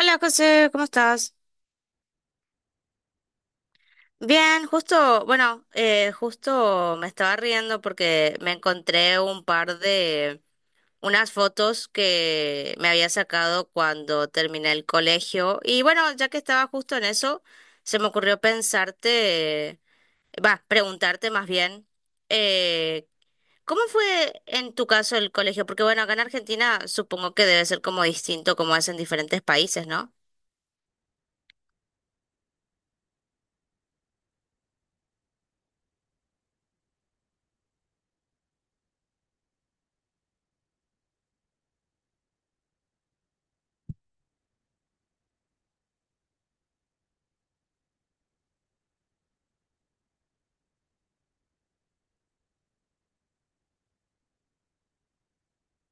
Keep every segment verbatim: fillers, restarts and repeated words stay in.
Hola José, ¿cómo estás? Bien, justo, bueno, eh, justo me estaba riendo porque me encontré un par de, unas fotos que me había sacado cuando terminé el colegio. Y bueno, ya que estaba justo en eso, se me ocurrió pensarte, va, preguntarte más bien, eh, ¿cómo fue en tu caso el colegio? Porque bueno, acá en Argentina supongo que debe ser como distinto como es en diferentes países, ¿no?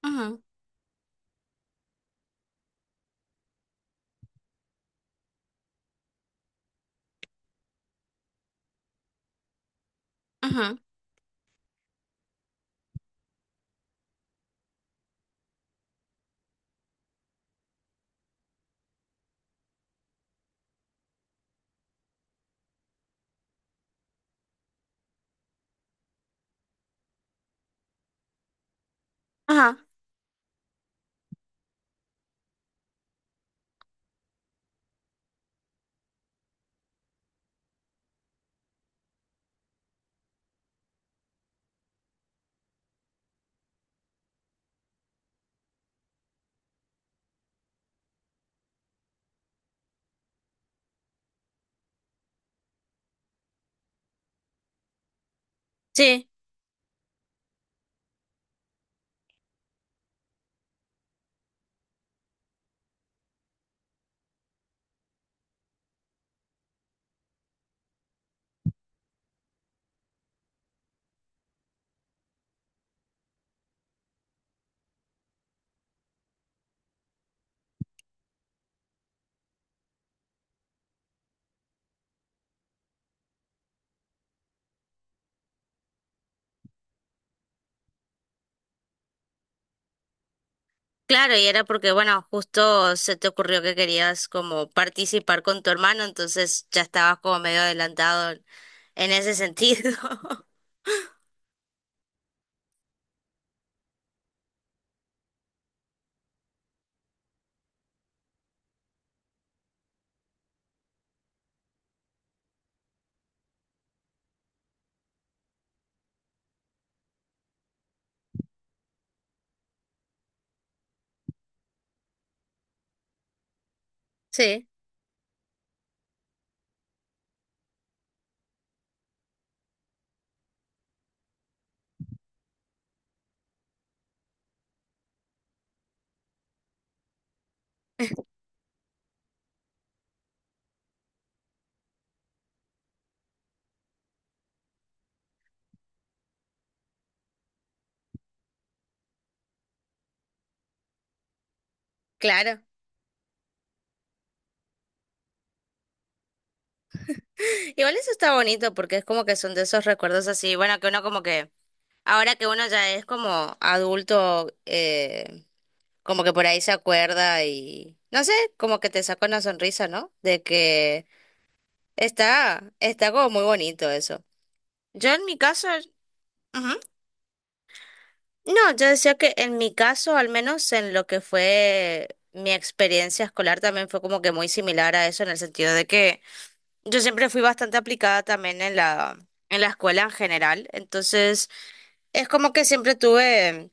Ujú, ujú. Ajá. Sí. Claro, y era porque, bueno, justo se te ocurrió que querías como participar con tu hermano, entonces ya estabas como medio adelantado en en ese sentido. Sí, claro. Igual eso está bonito porque es como que son de esos recuerdos así, bueno, que uno como que, ahora que uno ya es como adulto, eh, como que por ahí se acuerda y, no sé, como que te saca una sonrisa, ¿no? De que está, está como muy bonito eso. Yo en mi caso... ujú. No, yo decía que en mi caso, al menos en lo que fue mi experiencia escolar, también fue como que muy similar a eso, en el sentido de que yo siempre fui bastante aplicada también en la, en la escuela en general. Entonces, es como que siempre tuve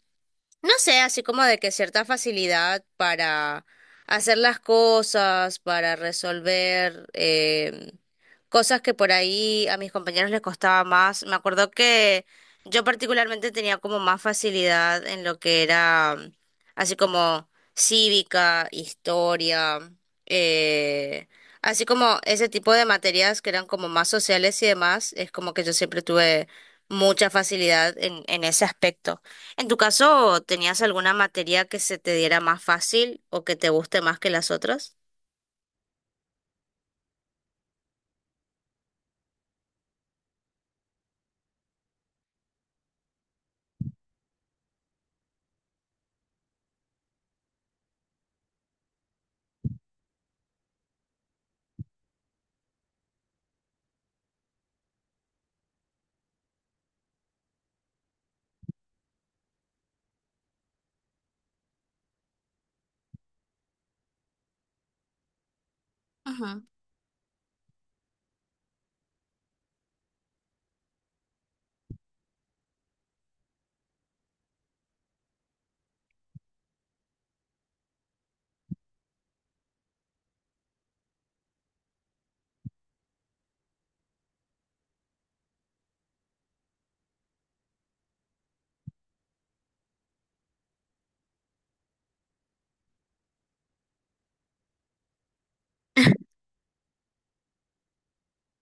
no sé, así como de que cierta facilidad para hacer las cosas, para resolver eh, cosas que por ahí a mis compañeros les costaba más. Me acuerdo que yo particularmente tenía como más facilidad en lo que era mm, así como cívica, historia, eh, así como ese tipo de materias que eran como más sociales y demás, es como que yo siempre tuve mucha facilidad en, en ese aspecto. En tu caso, ¿tenías alguna materia que se te diera más fácil o que te guste más que las otras? Ujú.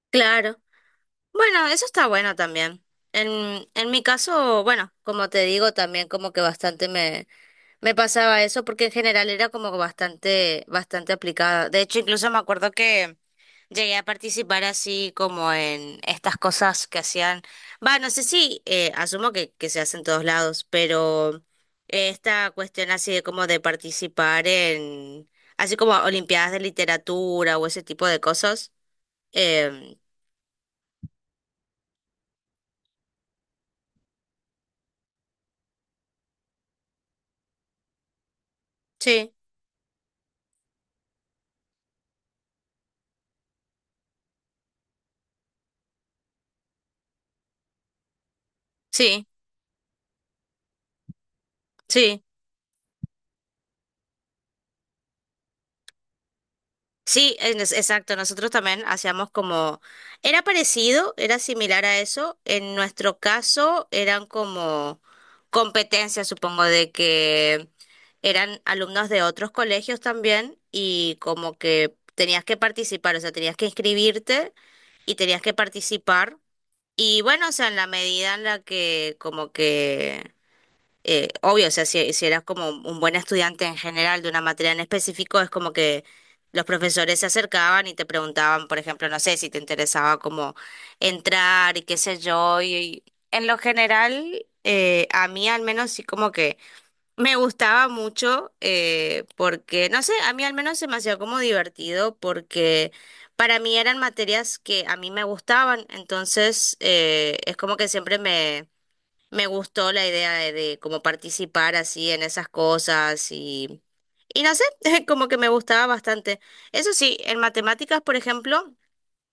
Claro. Bueno, eso está bueno también. En, en mi caso, bueno, como te digo, también como que bastante me me pasaba eso porque en general era como bastante, bastante aplicada. De hecho, incluso me acuerdo que llegué a participar así como en estas cosas que hacían. Va, no sé si, eh, asumo que, que se hace en todos lados, pero esta cuestión así de como de participar en, así como olimpiadas de literatura o ese tipo de cosas. em, sí, sí, sí. Sí, en es- exacto. Nosotros también hacíamos como, era parecido, era similar a eso. En nuestro caso eran como competencias, supongo, de que eran alumnos de otros colegios también y como que tenías que participar, o sea, tenías que inscribirte y tenías que participar. Y bueno, o sea, en la medida en la que como que eh, obvio, o sea, si, si eras como un buen estudiante en general de una materia en específico, es como que los profesores se acercaban y te preguntaban, por ejemplo, no sé, si te interesaba como entrar y qué sé yo, y, y en lo general, eh, a mí al menos sí como que me gustaba mucho, eh, porque, no sé, a mí al menos se me hacía como divertido porque... Para mí eran materias que a mí me gustaban, entonces eh, es como que siempre me me gustó la idea de, de cómo participar así en esas cosas y, y no sé, como que me gustaba bastante. Eso sí, en matemáticas, por ejemplo,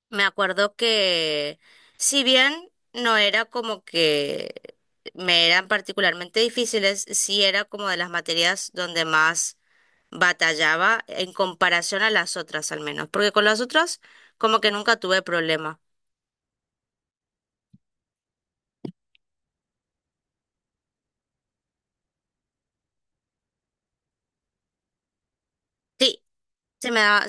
me acuerdo que si bien no era como que me eran particularmente difíciles, sí era como de las materias donde más batallaba en comparación a las otras al menos, porque con las otras como que nunca tuve problema. Sí, se me daba,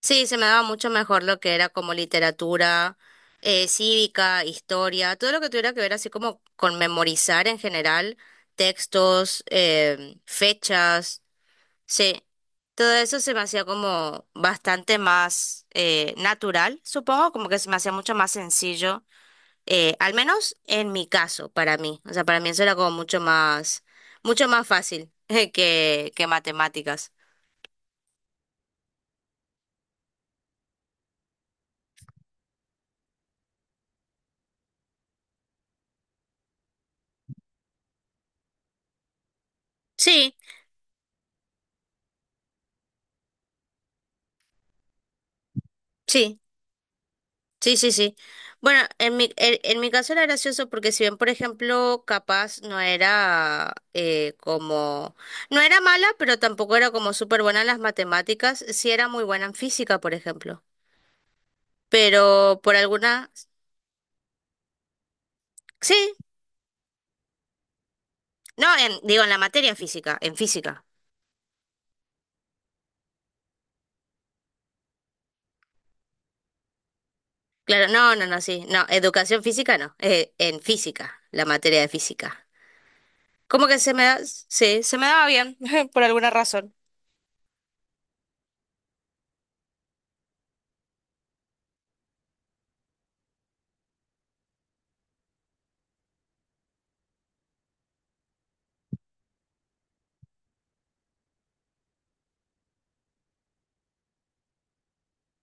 sí, se me daba mucho mejor lo que era como literatura, eh, cívica, historia, todo lo que tuviera que ver así como con memorizar en general, textos, eh, fechas, sí, todo eso se me hacía como bastante más eh, natural, supongo, como que se me hacía mucho más sencillo, eh, al menos en mi caso, para mí, o sea, para mí eso era como mucho más, mucho más fácil que, que matemáticas. Sí, sí. Sí, sí, sí. Bueno, en mi, en, en mi caso era gracioso porque si bien, por ejemplo, capaz no era eh, como... No era mala, pero tampoco era como súper buena en las matemáticas, sí era muy buena en física, por ejemplo. Pero por alguna... Sí, no, en, digo, en la materia física, en física. Claro, no, no, no, sí. No, educación física no, eh, en física, la materia de física. Como que se me da... Sí, se me daba bien, por alguna razón.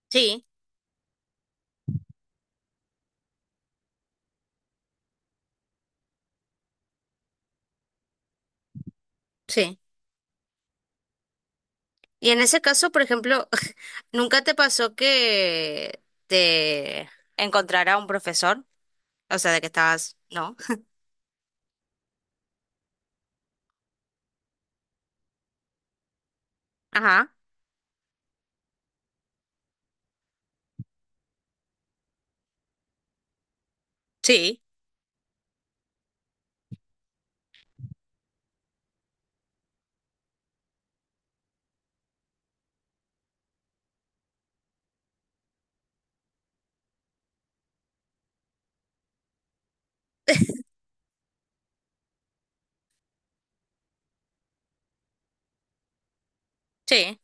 Sí, sí. Y en ese caso, por ejemplo, ¿nunca te pasó que te encontrara un profesor? O sea, de que estabas, ¿no? Ajá, sí, sí,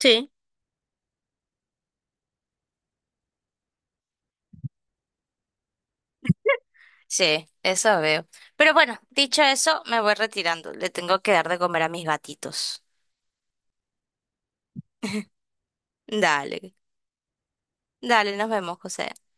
sí. Sí, eso veo. Pero bueno, dicho eso, me voy retirando. Le tengo que dar de comer a mis gatitos. Dale, dale, nos vemos, José.